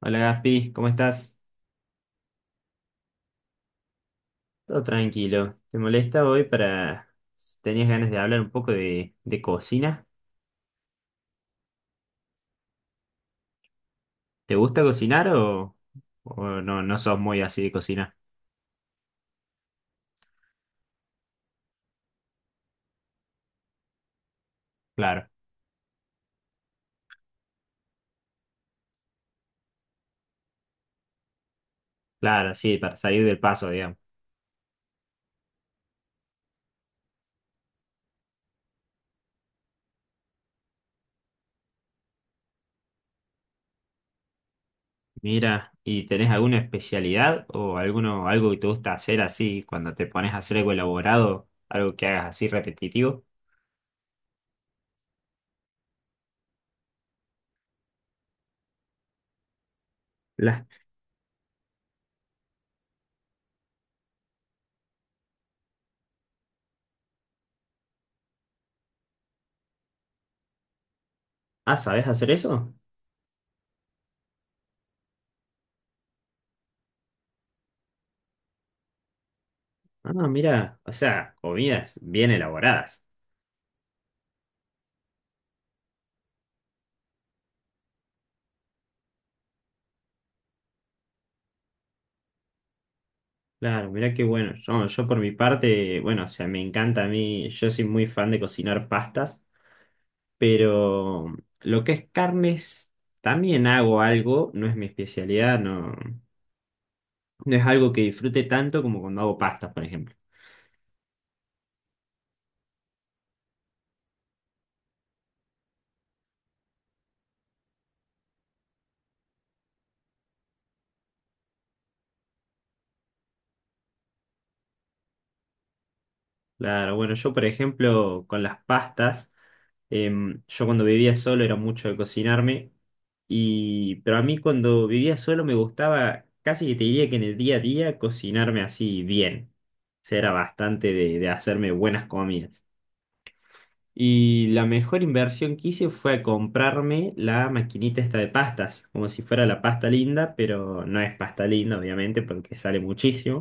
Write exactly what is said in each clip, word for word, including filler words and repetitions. Hola Gaspi, ¿cómo estás? Todo tranquilo. ¿Te molesta hoy para si tenías ganas de hablar un poco de, de cocina? ¿Te gusta cocinar o, o no, no sos muy así de cocina? Claro, claro, sí, para salir del paso, digamos. Mira, ¿y tenés alguna especialidad o alguno, algo que te gusta hacer así cuando te pones a hacer algo elaborado, algo que hagas así repetitivo? Las, ah, ¿sabés hacer eso? Ah, mira, o sea, comidas bien elaboradas. Claro, mirá qué bueno. Yo, yo por mi parte, bueno, o sea, me encanta a mí, yo soy muy fan de cocinar pastas, pero lo que es carnes, también hago algo, no es mi especialidad, no, no es algo que disfrute tanto como cuando hago pastas, por ejemplo. Claro, bueno, yo por ejemplo con las pastas, em, yo cuando vivía solo era mucho de cocinarme, y, pero a mí cuando vivía solo me gustaba, casi que te diría que en el día a día cocinarme así bien. O sea, era bastante de, de hacerme buenas comidas. Y la mejor inversión que hice fue comprarme la maquinita esta de pastas, como si fuera la pasta linda, pero no es pasta linda obviamente porque sale muchísimo.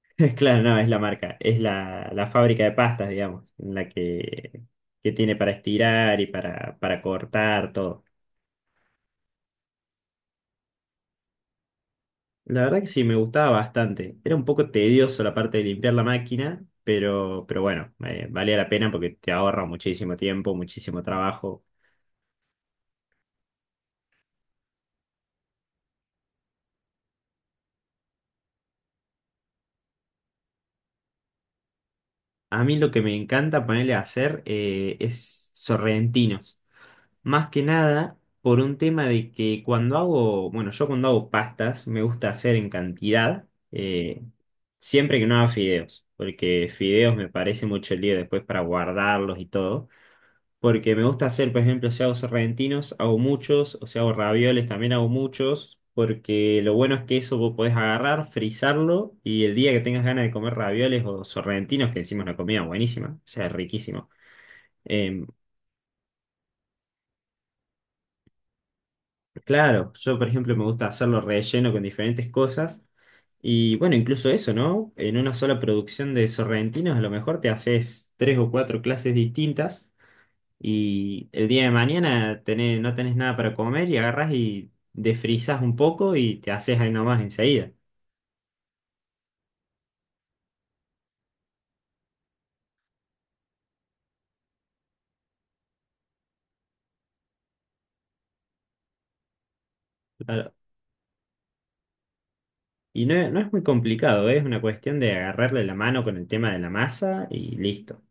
Claro, no, es la marca, es la, la fábrica de pastas, digamos, en la que, que tiene para estirar y para, para cortar todo. La verdad que sí, me gustaba bastante. Era un poco tedioso la parte de limpiar la máquina, pero, pero bueno, eh, valía la pena porque te ahorra muchísimo tiempo, muchísimo trabajo. A mí lo que me encanta ponerle a hacer eh, es sorrentinos. Más que nada por un tema de que cuando hago, bueno, yo cuando hago pastas me gusta hacer en cantidad, eh, siempre que no haga fideos, porque fideos me parece mucho lío después para guardarlos y todo, porque me gusta hacer, por ejemplo, si hago sorrentinos, hago muchos, o si hago ravioles, también hago muchos, porque lo bueno es que eso vos podés agarrar, frizarlo y el día que tengas ganas de comer ravioles o sorrentinos, que encima es una comida buenísima, o sea, riquísimo em, Claro, yo por ejemplo me gusta hacerlo relleno con diferentes cosas y bueno, incluso eso, ¿no? En una sola producción de sorrentinos a lo mejor te haces tres o cuatro clases distintas y el día de mañana tenés- no tenés nada para comer y agarras y desfrizas un poco y te haces ahí nomás enseguida. Claro. Y no, no es muy complicado, ¿eh? Es una cuestión de agarrarle la mano con el tema de la masa y listo.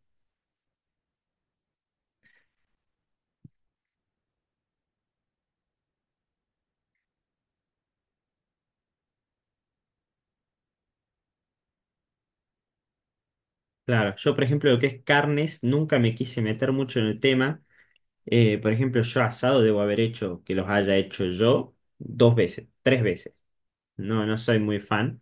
Claro, yo por ejemplo lo que es carnes nunca me quise meter mucho en el tema. Eh, por ejemplo, yo asado debo haber hecho, que los haya hecho yo, dos veces, tres veces. No, no soy muy fan,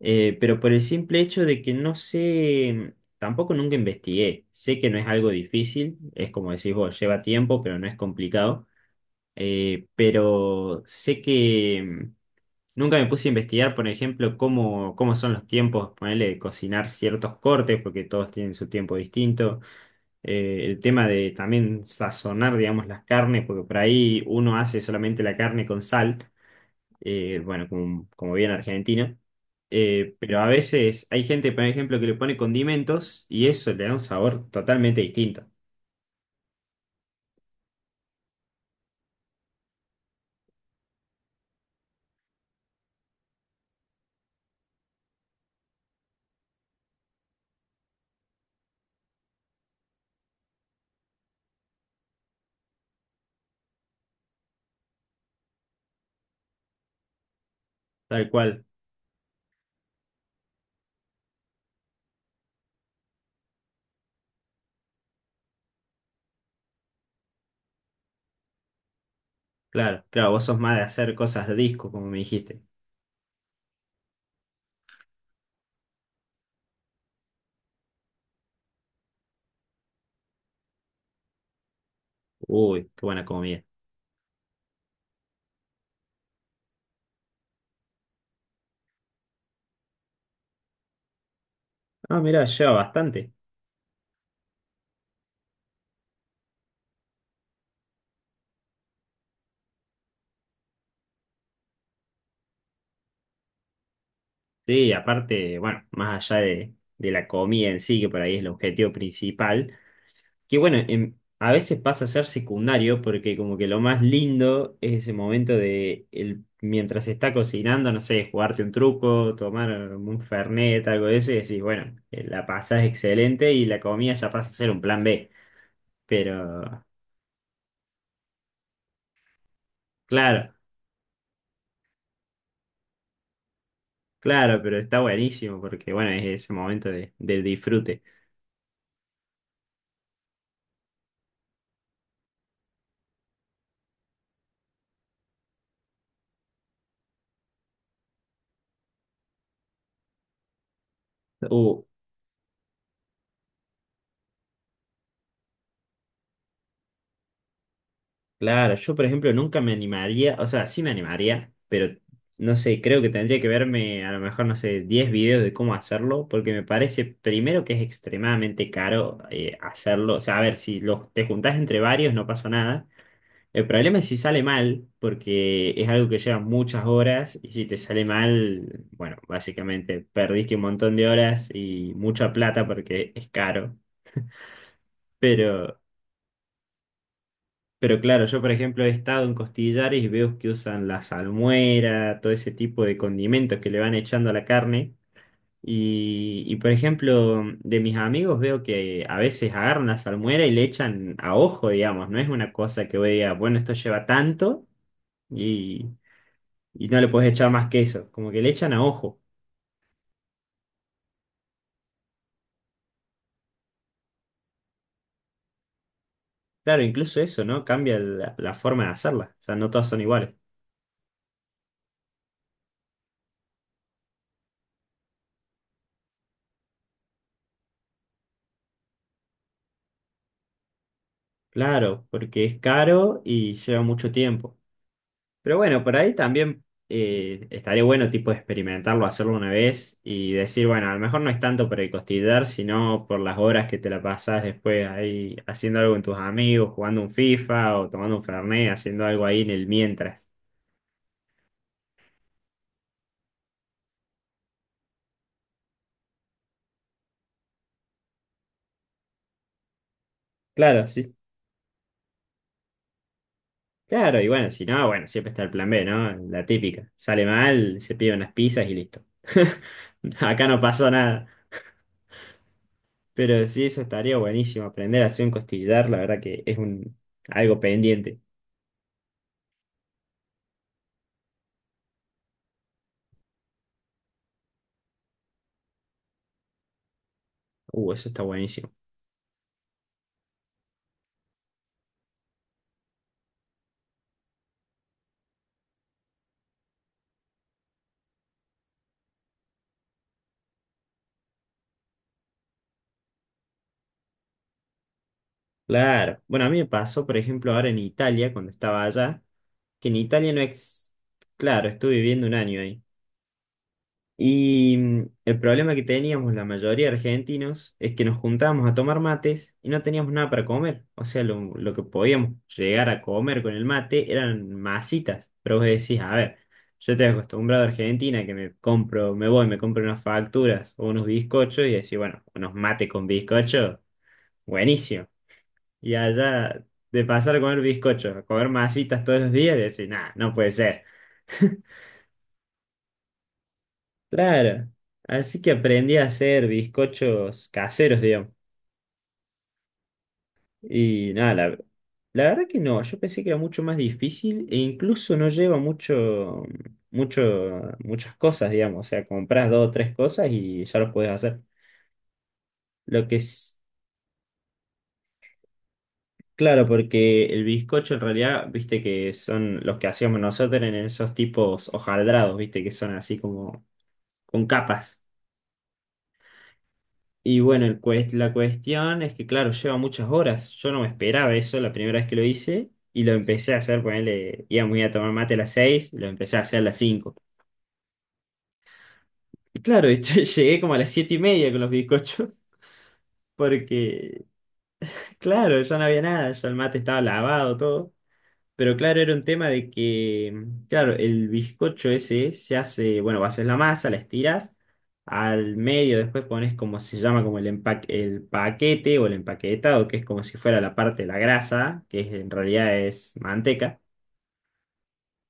eh, pero por el simple hecho de que no sé, tampoco nunca investigué. Sé que no es algo difícil, es como decís vos, lleva tiempo, pero no es complicado. eh, pero sé que mm, nunca me puse a investigar, por ejemplo, cómo, cómo son los tiempos, ponerle de cocinar ciertos cortes, porque todos tienen su tiempo distinto. Eh, el tema de también sazonar, digamos, las carnes, porque por ahí uno hace solamente la carne con sal, eh, bueno, como, como bien argentino, eh, pero a veces hay gente, por ejemplo, que le pone condimentos y eso le da un sabor totalmente distinto, tal cual, claro, claro, vos sos más de hacer cosas de disco, como me dijiste. Uy, qué buena comida. Ah, mirá, lleva bastante. Sí, aparte, bueno, más allá de, de la comida en sí, que por ahí es el objetivo principal. Que bueno, em, a veces pasa a ser secundario porque como que lo más lindo es ese momento de el, mientras se está cocinando, no sé, jugarte un truco, tomar un fernet, algo de eso y decís, bueno, eh, la pasás excelente y la comida ya pasa a ser un plan B. Pero, claro, claro, pero está buenísimo porque bueno, es ese momento de, del disfrute. Uh, Claro, yo por ejemplo nunca me animaría, o sea, sí me animaría, pero no sé, creo que tendría que verme a lo mejor, no sé, diez videos de cómo hacerlo, porque me parece primero que es extremadamente caro eh, hacerlo, o sea, a ver, si los, te juntás entre varios no pasa nada. El problema es si sale mal, porque es algo que lleva muchas horas y si te sale mal, bueno, básicamente perdiste un montón de horas y mucha plata porque es caro, pero... pero claro, yo por ejemplo he estado en Costillares y veo que usan la salmuera, todo ese tipo de condimentos que le van echando a la carne. Y, y, por ejemplo, de mis amigos veo que a veces agarran la salmuera y le echan a ojo, digamos. No es una cosa que vos digas, bueno, esto lleva tanto y, y no le puedes echar más que eso. Como que le echan a ojo. Claro, incluso eso, ¿no? Cambia la, la forma de hacerla. O sea, no todas son iguales. Claro, porque es caro y lleva mucho tiempo. Pero bueno, por ahí también eh, estaría bueno tipo experimentarlo, hacerlo una vez y decir, bueno, a lo mejor no es tanto por el costillar, sino por las horas que te la pasas después ahí haciendo algo con tus amigos, jugando un FIFA o tomando un Fernet, haciendo algo ahí en el mientras. Claro, sí, claro, y bueno, si no, bueno, siempre está el plan B, ¿no? La típica. Sale mal, se pide unas pizzas y listo. Acá no pasó nada. Pero sí, eso estaría buenísimo. Aprender a hacer un costillar, la verdad que es un algo pendiente. Uh, eso está buenísimo. Claro. Bueno, a mí me pasó, por ejemplo, ahora en Italia, cuando estaba allá, que en Italia no ex... Claro, estuve viviendo un año ahí. Y mm, el problema que teníamos la mayoría de argentinos es que nos juntábamos a tomar mates y no teníamos nada para comer. O sea, lo, lo que podíamos llegar a comer con el mate eran masitas. Pero vos decís, a ver, yo estoy acostumbrado a Argentina que me compro, me voy, me compro unas facturas o unos bizcochos y decís, bueno, unos mates con bizcocho, buenísimo. Y allá, de pasar a comer bizcochos a comer masitas todos los días, decís, nada, no puede ser. Claro. Así que aprendí a hacer bizcochos caseros, digamos. Y nada, la, la verdad que no, yo pensé que era mucho más difícil e incluso no lleva mucho, mucho, muchas cosas, digamos. O sea, compras dos o tres cosas y ya los puedes hacer. Lo que es, claro, porque el bizcocho en realidad, viste que son los que hacíamos nosotros en esos tipos hojaldrados, viste que son así como con capas. Y bueno, el cues- la cuestión es que, claro, lleva muchas horas. Yo no me esperaba eso la primera vez que lo hice y lo empecé a hacer, ponele, iba muy a tomar mate a las seis, lo empecé a hacer a las cinco. Y claro, yo llegué como a las siete y media con los bizcochos porque, claro, ya no había nada, ya el mate estaba lavado, todo. Pero claro, era un tema de que, mm, claro, el bizcocho ese se hace, bueno, haces la masa, la estiras, al medio después pones como se llama, como el empaque, el paquete o el empaquetado, que es como si fuera la parte de la grasa, que es- en realidad es manteca.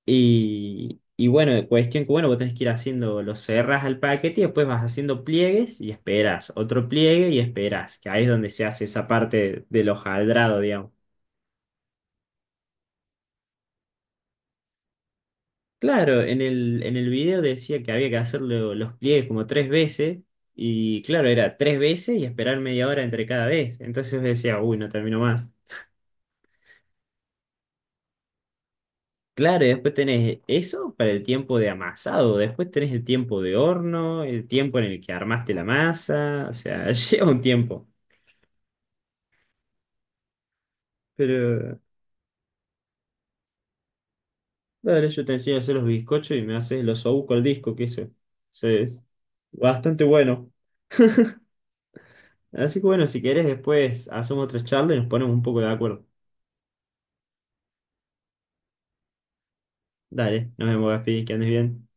Y, y bueno, cuestión que, bueno, vos tenés que ir haciendo, lo cerras al paquete y después vas haciendo pliegues y esperas, otro pliegue y esperas, que ahí es donde se hace esa parte del hojaldrado, digamos. Claro, en el, en el video decía que había que hacerlo los pliegues como tres veces, y claro, era tres veces y esperar media hora entre cada vez. Entonces decía, uy, no termino más. Claro, y después tenés eso para el tiempo de amasado, después tenés el tiempo de horno, el tiempo en el que armaste la masa, o sea, lleva un tiempo. Pero, dale, yo te enseño a hacer los bizcochos y me haces los osobuco al disco, que eso, eso es bastante bueno. Así que bueno, si querés después hacemos otra charla y nos ponemos un poco de acuerdo. Dale, nos vemos, Gaspi, que andes bien.